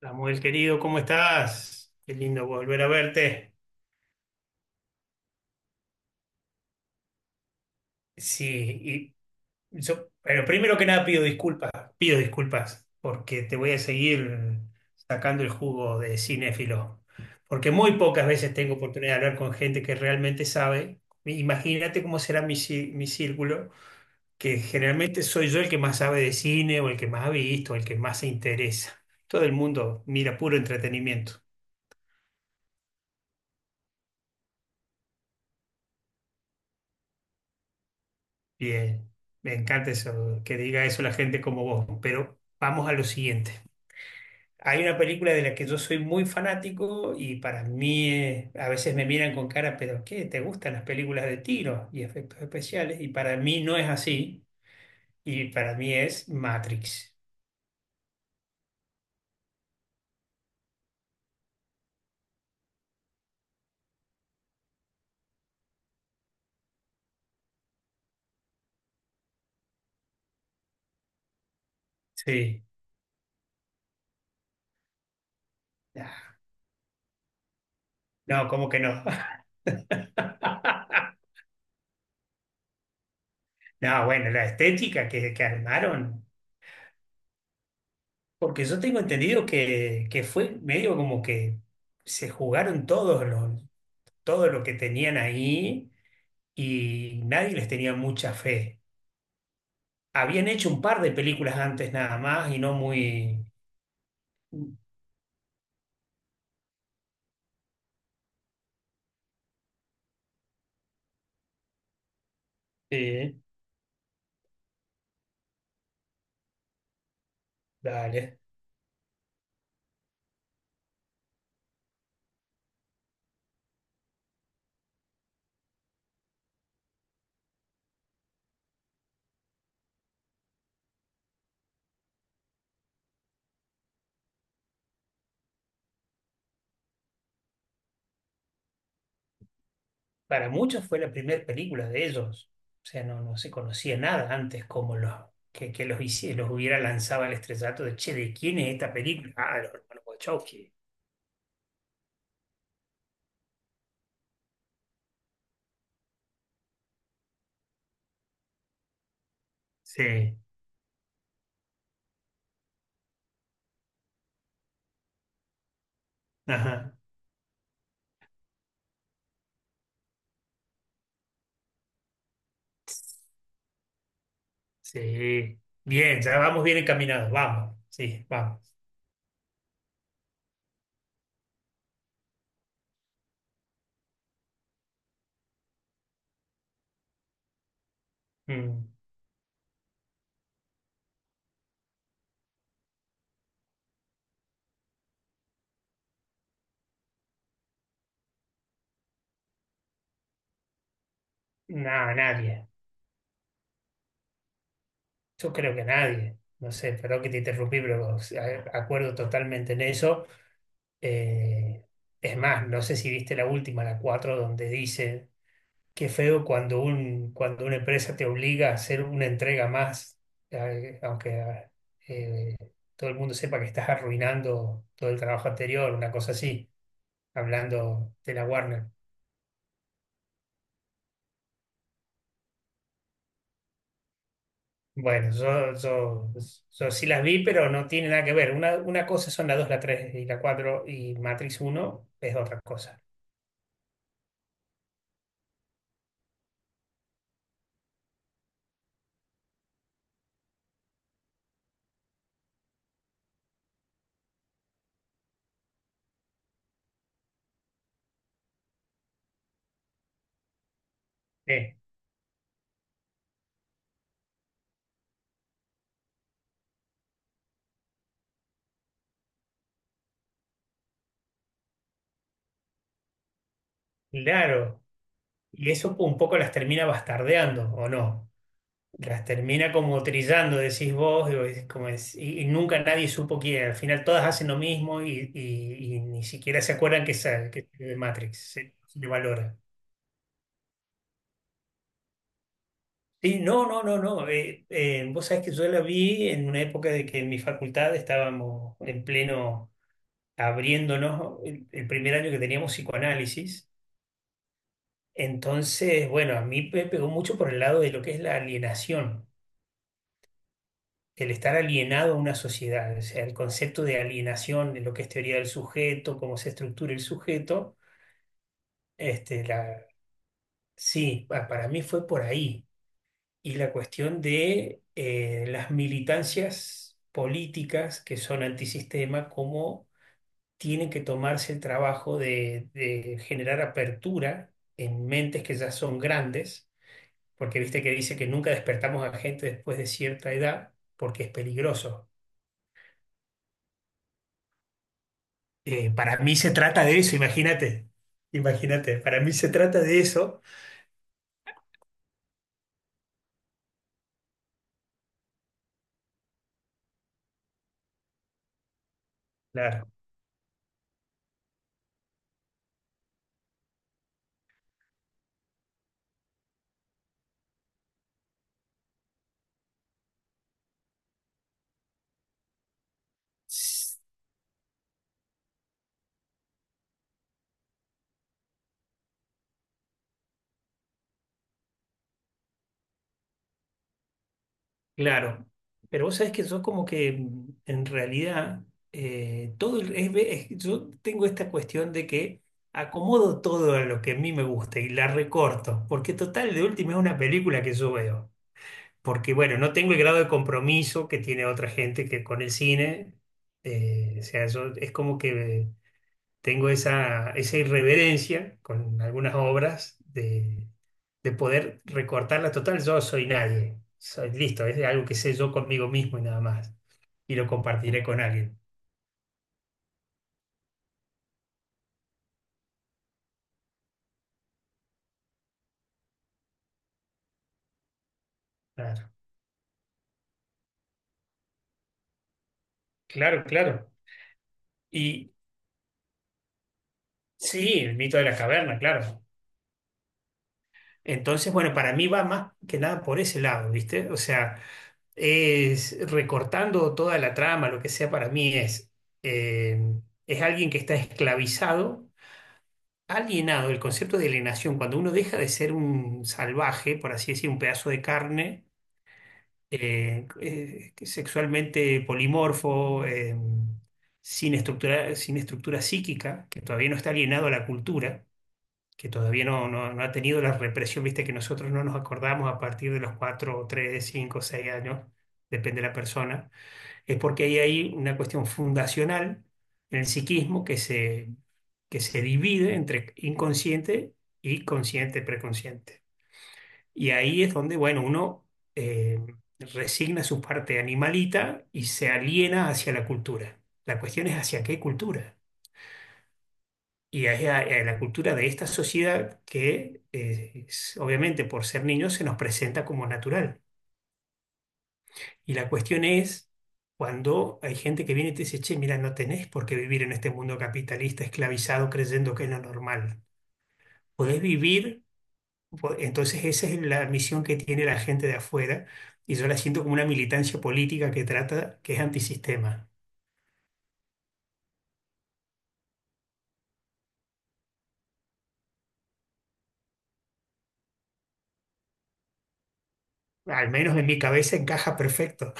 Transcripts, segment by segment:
Samuel, querido, ¿cómo estás? Qué lindo volver a verte. Sí, y yo, pero primero que nada pido disculpas, porque te voy a seguir sacando el jugo de cinéfilo, porque muy pocas veces tengo oportunidad de hablar con gente que realmente sabe. Imagínate cómo será mi círculo, que generalmente soy yo el que más sabe de cine o el que más ha visto, el que más se interesa. Todo el mundo mira puro entretenimiento. Bien, me encanta eso, que diga eso la gente como vos, pero vamos a lo siguiente. Hay una película de la que yo soy muy fanático y para mí a veces me miran con cara, pero ¿qué? ¿Te gustan las películas de tiro y efectos especiales? Y para mí no es así, y para mí es Matrix. Sí. Ah. No, ¿cómo que no? No, bueno, la estética que armaron, porque yo tengo entendido que fue medio como que se jugaron todo lo que tenían ahí y nadie les tenía mucha fe. Habían hecho un par de películas antes nada más y no muy. Sí. Dale. Para muchos fue la primera película de ellos. O sea, no, no se conocía nada antes como los, que los, hici- los hubiera lanzado al estrellato de, che, ¿de quién es esta película? Ah, de los hermanos Wachowski. Sí, ajá, sí. Bien, ya vamos bien encaminados, vamos, sí, vamos. Mm. Nada, nadie. Yo creo que nadie, no sé, perdón que te interrumpí, pero o sea, acuerdo totalmente en eso. Eh, es más, no sé si viste la última, la 4 donde dice, qué feo cuando cuando una empresa te obliga a hacer una entrega más, aunque eh, todo el mundo sepa que estás arruinando todo el trabajo anterior, una cosa así, hablando de la Warner. Bueno, yo sí las vi, pero no tiene nada que ver. Una cosa son la 2, la 3 y la 4 y Matrix uno es otra cosa. Eh, claro, y eso un poco las termina bastardeando, ¿o no? Las termina como trillando, decís vos, y, vos decís y nunca nadie supo quién. Al final todas hacen lo mismo y ni siquiera se acuerdan que es de Matrix, se le valora. Sí, no, no, no, no. Vos sabés que yo la vi en una época de que en mi facultad estábamos en pleno abriéndonos el primer año que teníamos psicoanálisis. Entonces, bueno, a mí me pegó mucho por el lado de lo que es la alienación, el estar alienado a una sociedad, o sea, el concepto de alienación, de lo que es teoría del sujeto, cómo se estructura el sujeto. Este, la, sí, para mí fue por ahí. Y la cuestión de las militancias políticas que son antisistema, cómo tienen que tomarse el trabajo de generar apertura en mentes que ya son grandes, porque viste que dice que nunca despertamos a gente después de cierta edad porque es peligroso. Para mí se trata de eso, imagínate, imagínate, para mí se trata de eso, claro. Claro, pero vos sabés que yo como que en realidad todo el- es ve- es- yo tengo esta cuestión de que acomodo todo a lo que a mí me gusta y la recorto, porque total de última es una película que yo veo, porque bueno, no tengo el grado de compromiso que tiene otra gente que con el cine, o sea, es como que tengo esa irreverencia con algunas obras de poder recortarla total. Yo soy nadie, soy listo, es algo que sé yo conmigo mismo y nada más, y lo compartiré con alguien. Claro, claro, claro, Y sí, el mito de la caverna, claro. Entonces, bueno, para mí va más que nada por ese lado, ¿viste? O sea, es recortando toda la trama, lo que sea para mí eh, es alguien que está esclavizado alienado el concepto de alienación, cuando uno deja de ser un salvaje, por así decir, un pedazo de carne, sexualmente polimorfo, sin estructura, sin estructura psíquica, que todavía no está alienado a la cultura, que todavía no ha tenido la represión, viste, que nosotros no nos acordamos a partir de los 4, 3, 5, 6 años, depende de la persona es porque ahí hay una cuestión fundacional en el psiquismo que se divide entre inconsciente y consciente, preconsciente. Y ahí es donde, bueno, uno eh, resigna su parte animalita y se aliena hacia la cultura. La cuestión es hacia qué cultura. Y es a la cultura de esta sociedad que, obviamente, por ser niños, se nos presenta como natural. Y la cuestión es cuando hay gente que viene y te dice, che, mira, no tenés por qué vivir en este mundo capitalista esclavizado creyendo que es lo normal. Podés vivir. Entonces esa es la misión que tiene la gente de afuera y yo la siento como una militancia política que trata, que es antisistema. Al menos en mi cabeza encaja perfecto.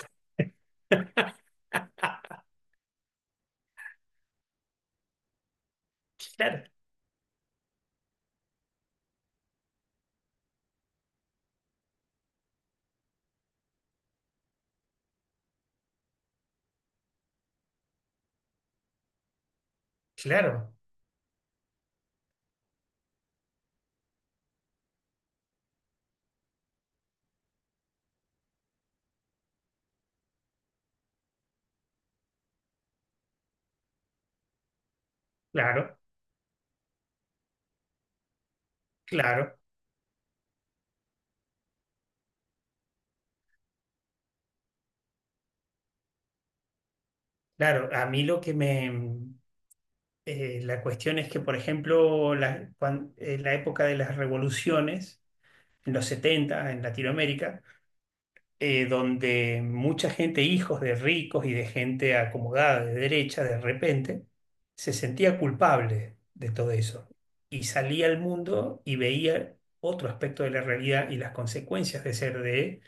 Claro, claro, claro, claro, claro. A mí lo que me. La cuestión es que, por ejemplo, en la época de las revoluciones, en los 70 en Latinoamérica, donde mucha gente, hijos de ricos y de gente acomodada de derecha, de repente, se sentía culpable de todo eso y salía al mundo y veía otro aspecto de la realidad y las consecuencias de ser de,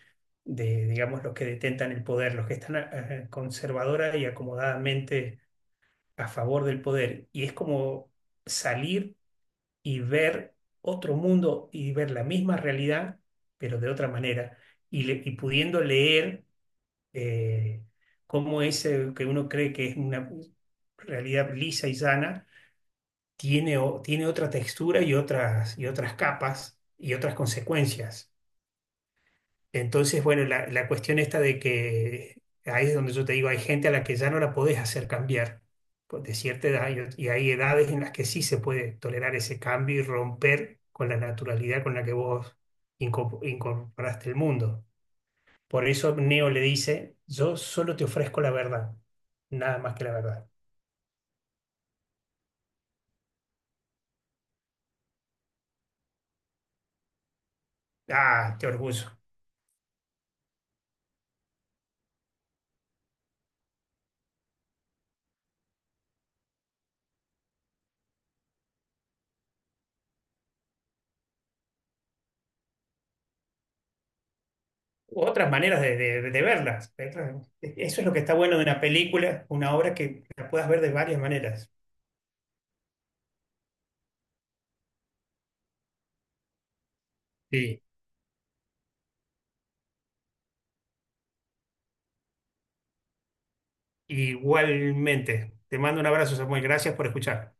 de digamos, los que detentan el poder, los que están conservadora y acomodadamente a favor del poder. Y es como salir y ver otro mundo y ver la misma realidad, pero de otra manera, y pudiendo leer eh, cómo ese que uno cree que es una realidad lisa y sana, tiene otra textura y otras capas y otras consecuencias. Entonces, bueno, la cuestión esta de que ahí es donde yo te digo, hay gente a la que ya no la podés hacer cambiar pues, de cierta edad y, y hay edades en las que sí se puede tolerar ese cambio y romper con la naturalidad con la que vos incorporaste el mundo. Por eso Neo le dice, yo solo te ofrezco la verdad, nada más que la verdad. Ah, qué orgullo. U otras maneras de verlas. Eso es lo que está bueno de una película, una obra que la puedas ver de varias maneras. Igualmente, te mando un abrazo, Samuel. Gracias por escuchar.